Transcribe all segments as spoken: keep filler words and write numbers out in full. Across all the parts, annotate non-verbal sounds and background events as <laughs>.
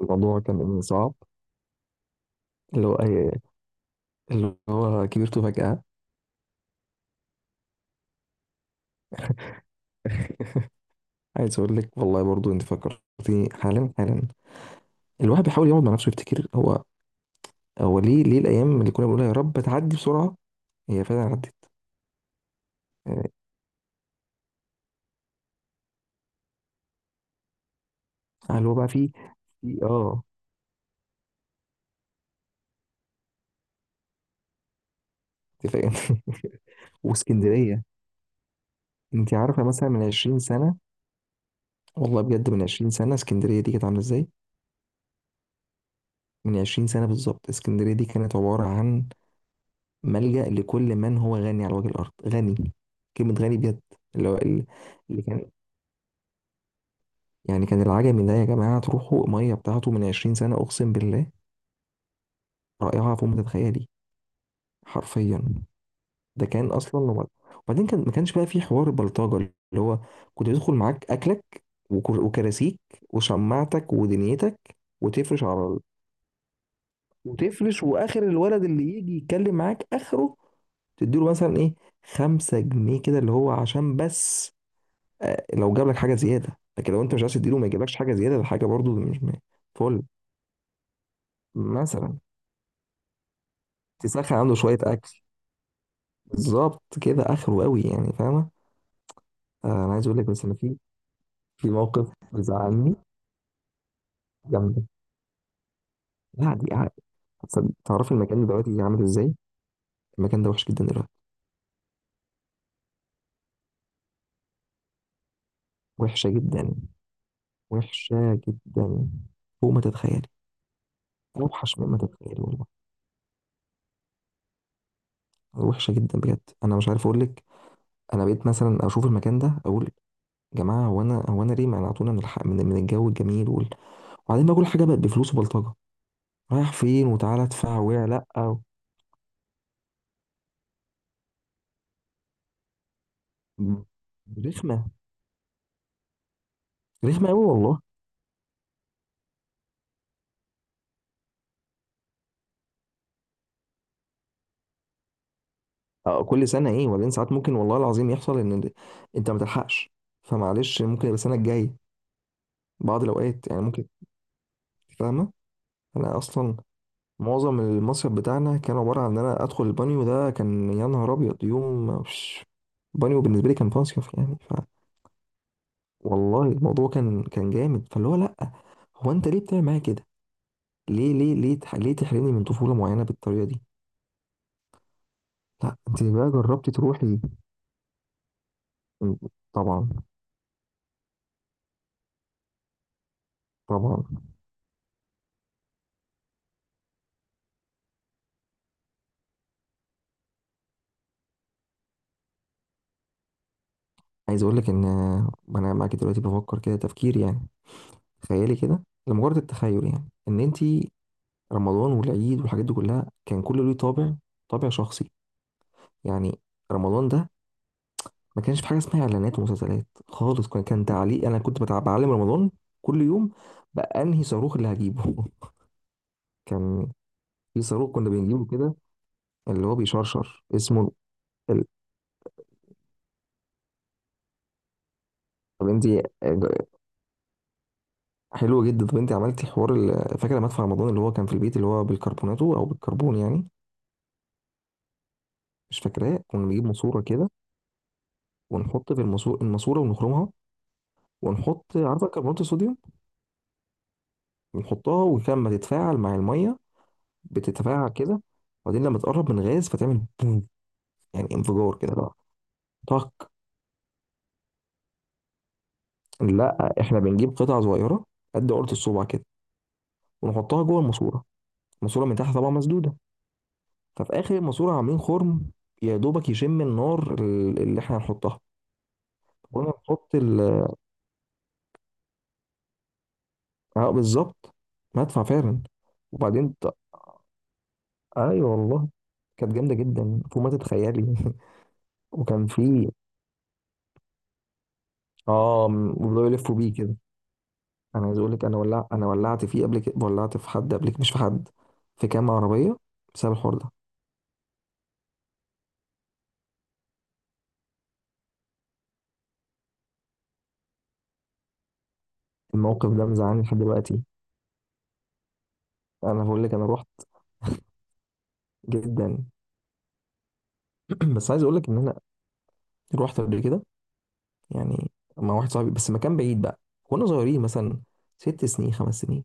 الموضوع كان صعب. اللي هو أي. اللي هو كبرت فجأة. عايز أقول لك والله برضو أنت فكرتني حالا حالا. الواحد بيحاول يقعد مع نفسه يفتكر هو هو ليه ليه الأيام اللي كنا بنقول يا رب تعدي بسرعة. هي فعلا عدت. آه، اللي هو بقى في في اه أنت فاهم. <laughs> واسكندرية، أنت عارفة مثلا من عشرين سنة. والله بجد من عشرين سنة اسكندرية دي كانت عاملة إزاي؟ من عشرين سنة بالظبط اسكندرية دي كانت عبارة عن ملجأ لكل من هو غني على وجه الأرض، غني، كلمة غني بجد. اللي هو ال- اللي كان، يعني كان العجمي ده يا جماعة تروحوا مية بتاعته من عشرين سنة أقسم بالله، رائعة فوق ما تتخيلي، حرفيا. ده كان أصلا لو- وبعدين كان ما كانش بقى في حوار بلطجة، اللي هو كنت بيدخل معاك أكلك وكر- وكراسيك وشماعتك ودنيتك وتفرش على ال- وتفرش، وآخر الولد اللي يجي يتكلم معاك آخره تديله مثلا إيه، خمسة جنيه كده اللي هو عشان بس آه، لو جاب لك حاجه زياده. لكن لو انت مش عايز تديله ما يجيبلكش حاجه زياده. ده حاجه برضو مش م- فل مثلا، تسخن عنده شويه اكل. بالظبط كده اخره قوي يعني، فاهمه. آه، انا عايز اقول لك، بس انا في في موقف بيزعلني جامد. لا دي قاعد- تصد- تعرفي المكان دلوقتي عامل ازاي؟ المكان ده وحش جدا دلوقتي، وحشه جدا، وحشه جدا فوق ما تتخيلي، اوحش مما تتخيلي والله، وحشه جدا بجد. انا مش عارف اقول لك، انا بقيت مثلا اشوف المكان ده اقول، جماعه، هو انا هو انا ليه منعتونا من الحق، من, من الجو الجميل وال... وبعدين بقى كل حاجه بقت بفلوس وبلطجه، رايح فين وتعالى ادفع ويا لا و... م- رخمه، رخمه قوي والله. آه، كل سنه ايه، وبعدين ساعات ممكن والله العظيم يحصل ان ال- انت ما تلحقش، فمعلش ممكن يبقى السنه الجايه، بعض الاوقات يعني ممكن، فاهمه. انا اصلا معظم المصيف بتاعنا كان عباره عن ان انا ادخل البانيو، ده كان يا نهار ابيض، يوم مش بانيو بالنسبه لي كان مصيف يعني. والله الموضوع كان كان جامد، فاللي هو لا، هو انت ليه بتعمل معايا كده؟ ليه ليه ليه تح... ليه تحرمني من طفوله معينه بالطريقه دي؟ لا انت بقى جربتي تروحي، طبعا، طبعا. عايز اقول لك ان انا معاكي دلوقتي بفكر كده تفكير يعني، تخيلي كده لمجرد التخيل يعني ان انت، رمضان والعيد والحاجات دي كلها كان كله ليه طابع، طابع شخصي يعني. رمضان ده ما كانش في حاجه اسمها اعلانات ومسلسلات خالص، كان كان تعليق. انا كنت بتع- بعلم رمضان كل يوم بقى انهي صاروخ اللي هجيبه. <laughs> كان في صاروخ كنا بنجيبه كده اللي هو بيشرشر اسمه ال... طب انت، حلو جدا، طب انت عملتي حوار ال... فاكره مدفع رمضان اللي هو كان في البيت اللي هو بالكربوناتو او بالكربون يعني؟ مش فاكراه، كنا بنجيب ماسوره كده ونحط في الماسوره الماسوره ونخرمها، ونحط عارفه الكربونات الصوديوم، ونحطها ولما تتفاعل مع الميه بتتفاعل كده، وبعدين لما تقرب من غاز فتعمل بوم، يعني انفجار كده بقى، طق. لا احنا بنجيب قطع صغيره قد عقله الصبع كده، ونحطها جوه الماسوره، الماسوره من تحت طبعا مسدوده، ففي اخر الماسوره عاملين خرم، يا دوبك يشم النار ال- اللي احنا هنحطها. وانا نحط ال، اه بالظبط، مدفع فعلا. وبعدين ط- ايوه والله، كانت جامده جدا فوق ما تتخيلي. <laughs> وكان في اه م- وبدأوا يلفوا بيه كده. انا عايز اقول لك انا ولع، انا ولعت فيه قبل كده، ولعت في حد قبل كده، مش في حد، في كام عربيه بسبب الحوار ده. الموقف ده مزعلني لحد دلوقتي. انا بقول لك انا رحت، جدا. <clears throat> بس عايز اقول لك ان انا رحت قبل كده يعني، مع واحد صاحبي، بس مكان بعيد بقى، كنا صغيرين مثلا ست سنين خمس سنين،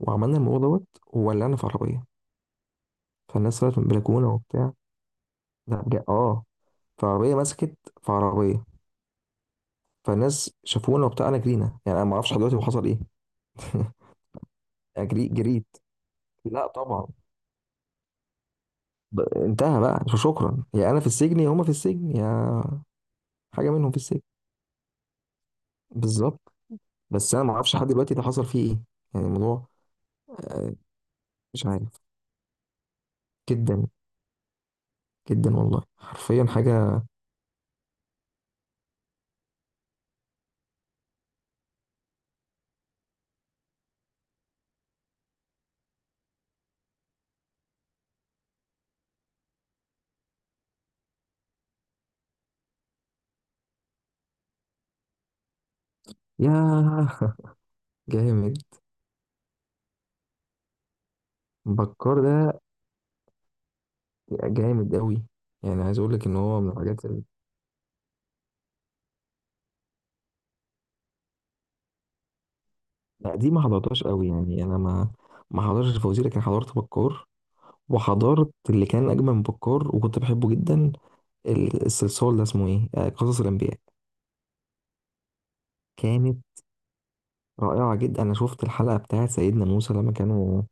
وعملنا الموضوع دوت وولعنا في عربية، فالناس طلعت من البلكونة وبتاع. لا بجد اه، فعربية مسكت، في عربية، فالناس شافونا وبتاع، انا جرينا يعني، انا ما اعرفش لحد دلوقتي هو حصل ايه. <laughs> اجري، جريت. لا طبعا، ب- انتهى بقى، شكرا، يا انا في السجن يا هما في السجن، يا حاجة منهم في السجن. بالظبط، بس انا ما اعرفش لحد دلوقتي ده حصل فيه ايه يعني الموضوع. آه، مش عارف. جدا، جدا والله، حرفيا حاجة. ياه. <laughs> جامد. بكار ده جامد قوي يعني، عايز اقول لك ان هو من الحاجات ال... لا دي ما حضرتهاش قوي يعني، انا ما ما حضرتش الفوازير لكن حضرت بكار، وحضرت اللي كان اجمل من بكار وكنت بحبه جدا، ال- الصلصال ده اسمه ايه آه، قصص الانبياء. كانت رائعه جدا، انا شفت الحلقه بتاعت سيدنا موسى لما كانوا.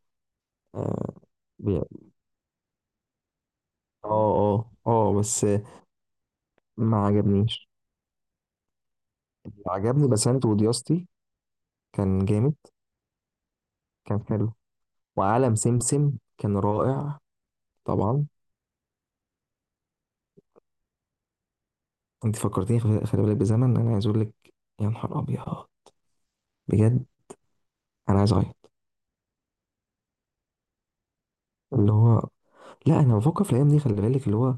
اه. بي- اه اه آه، بس ما عجبنيش. اللي عجبني بسنت ودياستي، كان جامد، كان حلو. وعالم سمسم كان رائع. طبعا. انت فكرتيني، خ- خلي بالك بزمن، انا عايز اقول لك، يا نهار ابيض، بجد، انا عايز اعيط. اللي هو لا، انا بفكر في الايام دي، خلي بالك اللي هو،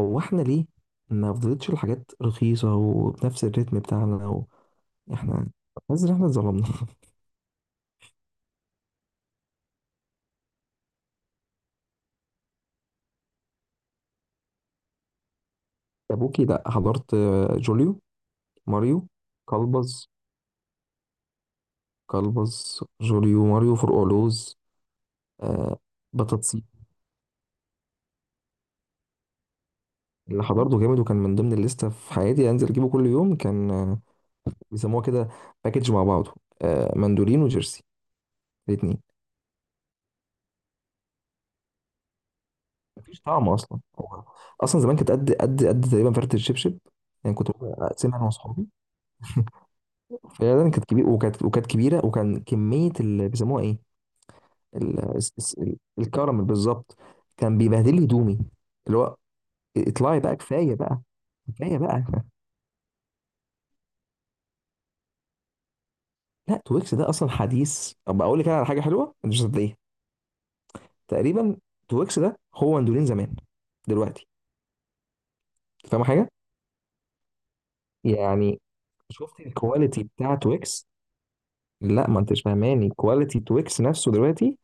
هو احنا ليه ما فضلتش الحاجات رخيصه وبنفس الريتم بتاعنا و... احنا حاسس ان احنا اتظلمنا. <laughs> ابوكي، لا حضرت آه، جوليو ماريو كلبز. كلبز جوليو ماريو فرقعلوز. آه، بطاطسي. اللي حضرته جامد، وكان من ضمن الليسته في حياتي انزل اجيبه كل يوم، كان بيسموها كده باكج مع بعضه، آه، مندولين وجيرسي، الاثنين. مفيش طعم اصلا هو، اصلا زمان كانت قد قد قد تقريبا فرده الشبشب، يعني كنت ممكن اقسمها انا واصحابي. فعلا كانت كبيره، وكانت وكانت كبيره، وكان كميه اللي بيسموها ايه، ال- الس- الس- ال- الكراميل بالظبط. كان بيبهدل لي هدومي، اللي هو، اطلعي بقى كفايه بقى، كفايه بقى. لا تويكس ده اصلا حديث، طب اقول لك انا على حاجه حلوه انت مش هتصدقيها، تقريبا تويكس ده هو مندولين زمان دلوقتي، فاهم حاجه؟ يعني شفت الكواليتي بتاع تويكس؟ لا ما انتش فاهماني، كواليتي تويكس نفسه دلوقتي،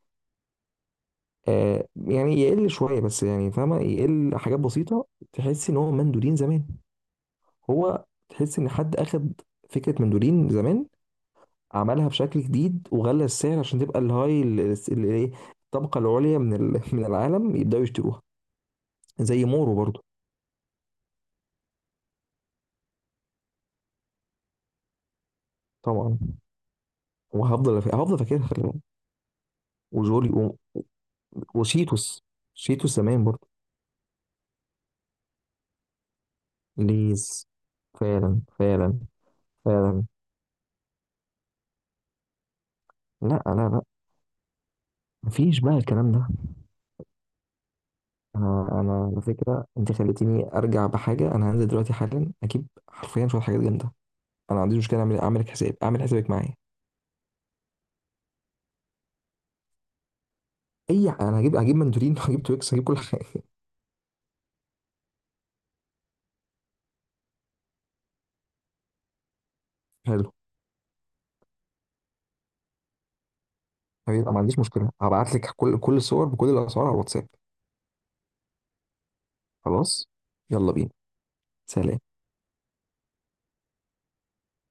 آه يعني يقل شويه بس يعني، فاهمه، يقل حاجات بسيطه، تحس ان هو مندولين زمان، هو تحس ان حد اخد فكره مندولين زمان، عملها بشكل جديد وغلى السعر عشان تبقى الهاي ال- ال- ال- ايه، الطبقه العليا من ال- <laughs> من العالم يبداوا يشتروها. زي مورو برضو، طبعا، وهفضل فا- هفضل فاكرها خلي بالك. وجولي و- وشيتوس، شيتوس زمان برضو، ليز. فعلا، فعلا، فعلا. لا لا لا، مفيش بقى الكلام ده. انا انا على فكره انت خليتيني ارجع بحاجه، انا هنزل دلوقتي حالا اجيب حرفيا شويه حاجات جامده. انا ما عنديش مشكله اعمل، اعمل حساب، اعمل حسابك معايا. اي ح- انا هجيب هجيب مندولين، <laughs> وهجيب تويكس، هجيب كل حاجه. حلو. هجيب- ما عنديش مشكله، هبعت لك كل كل الصور بكل الاسعار على الواتساب. خلاص، يلا بينا، سلام.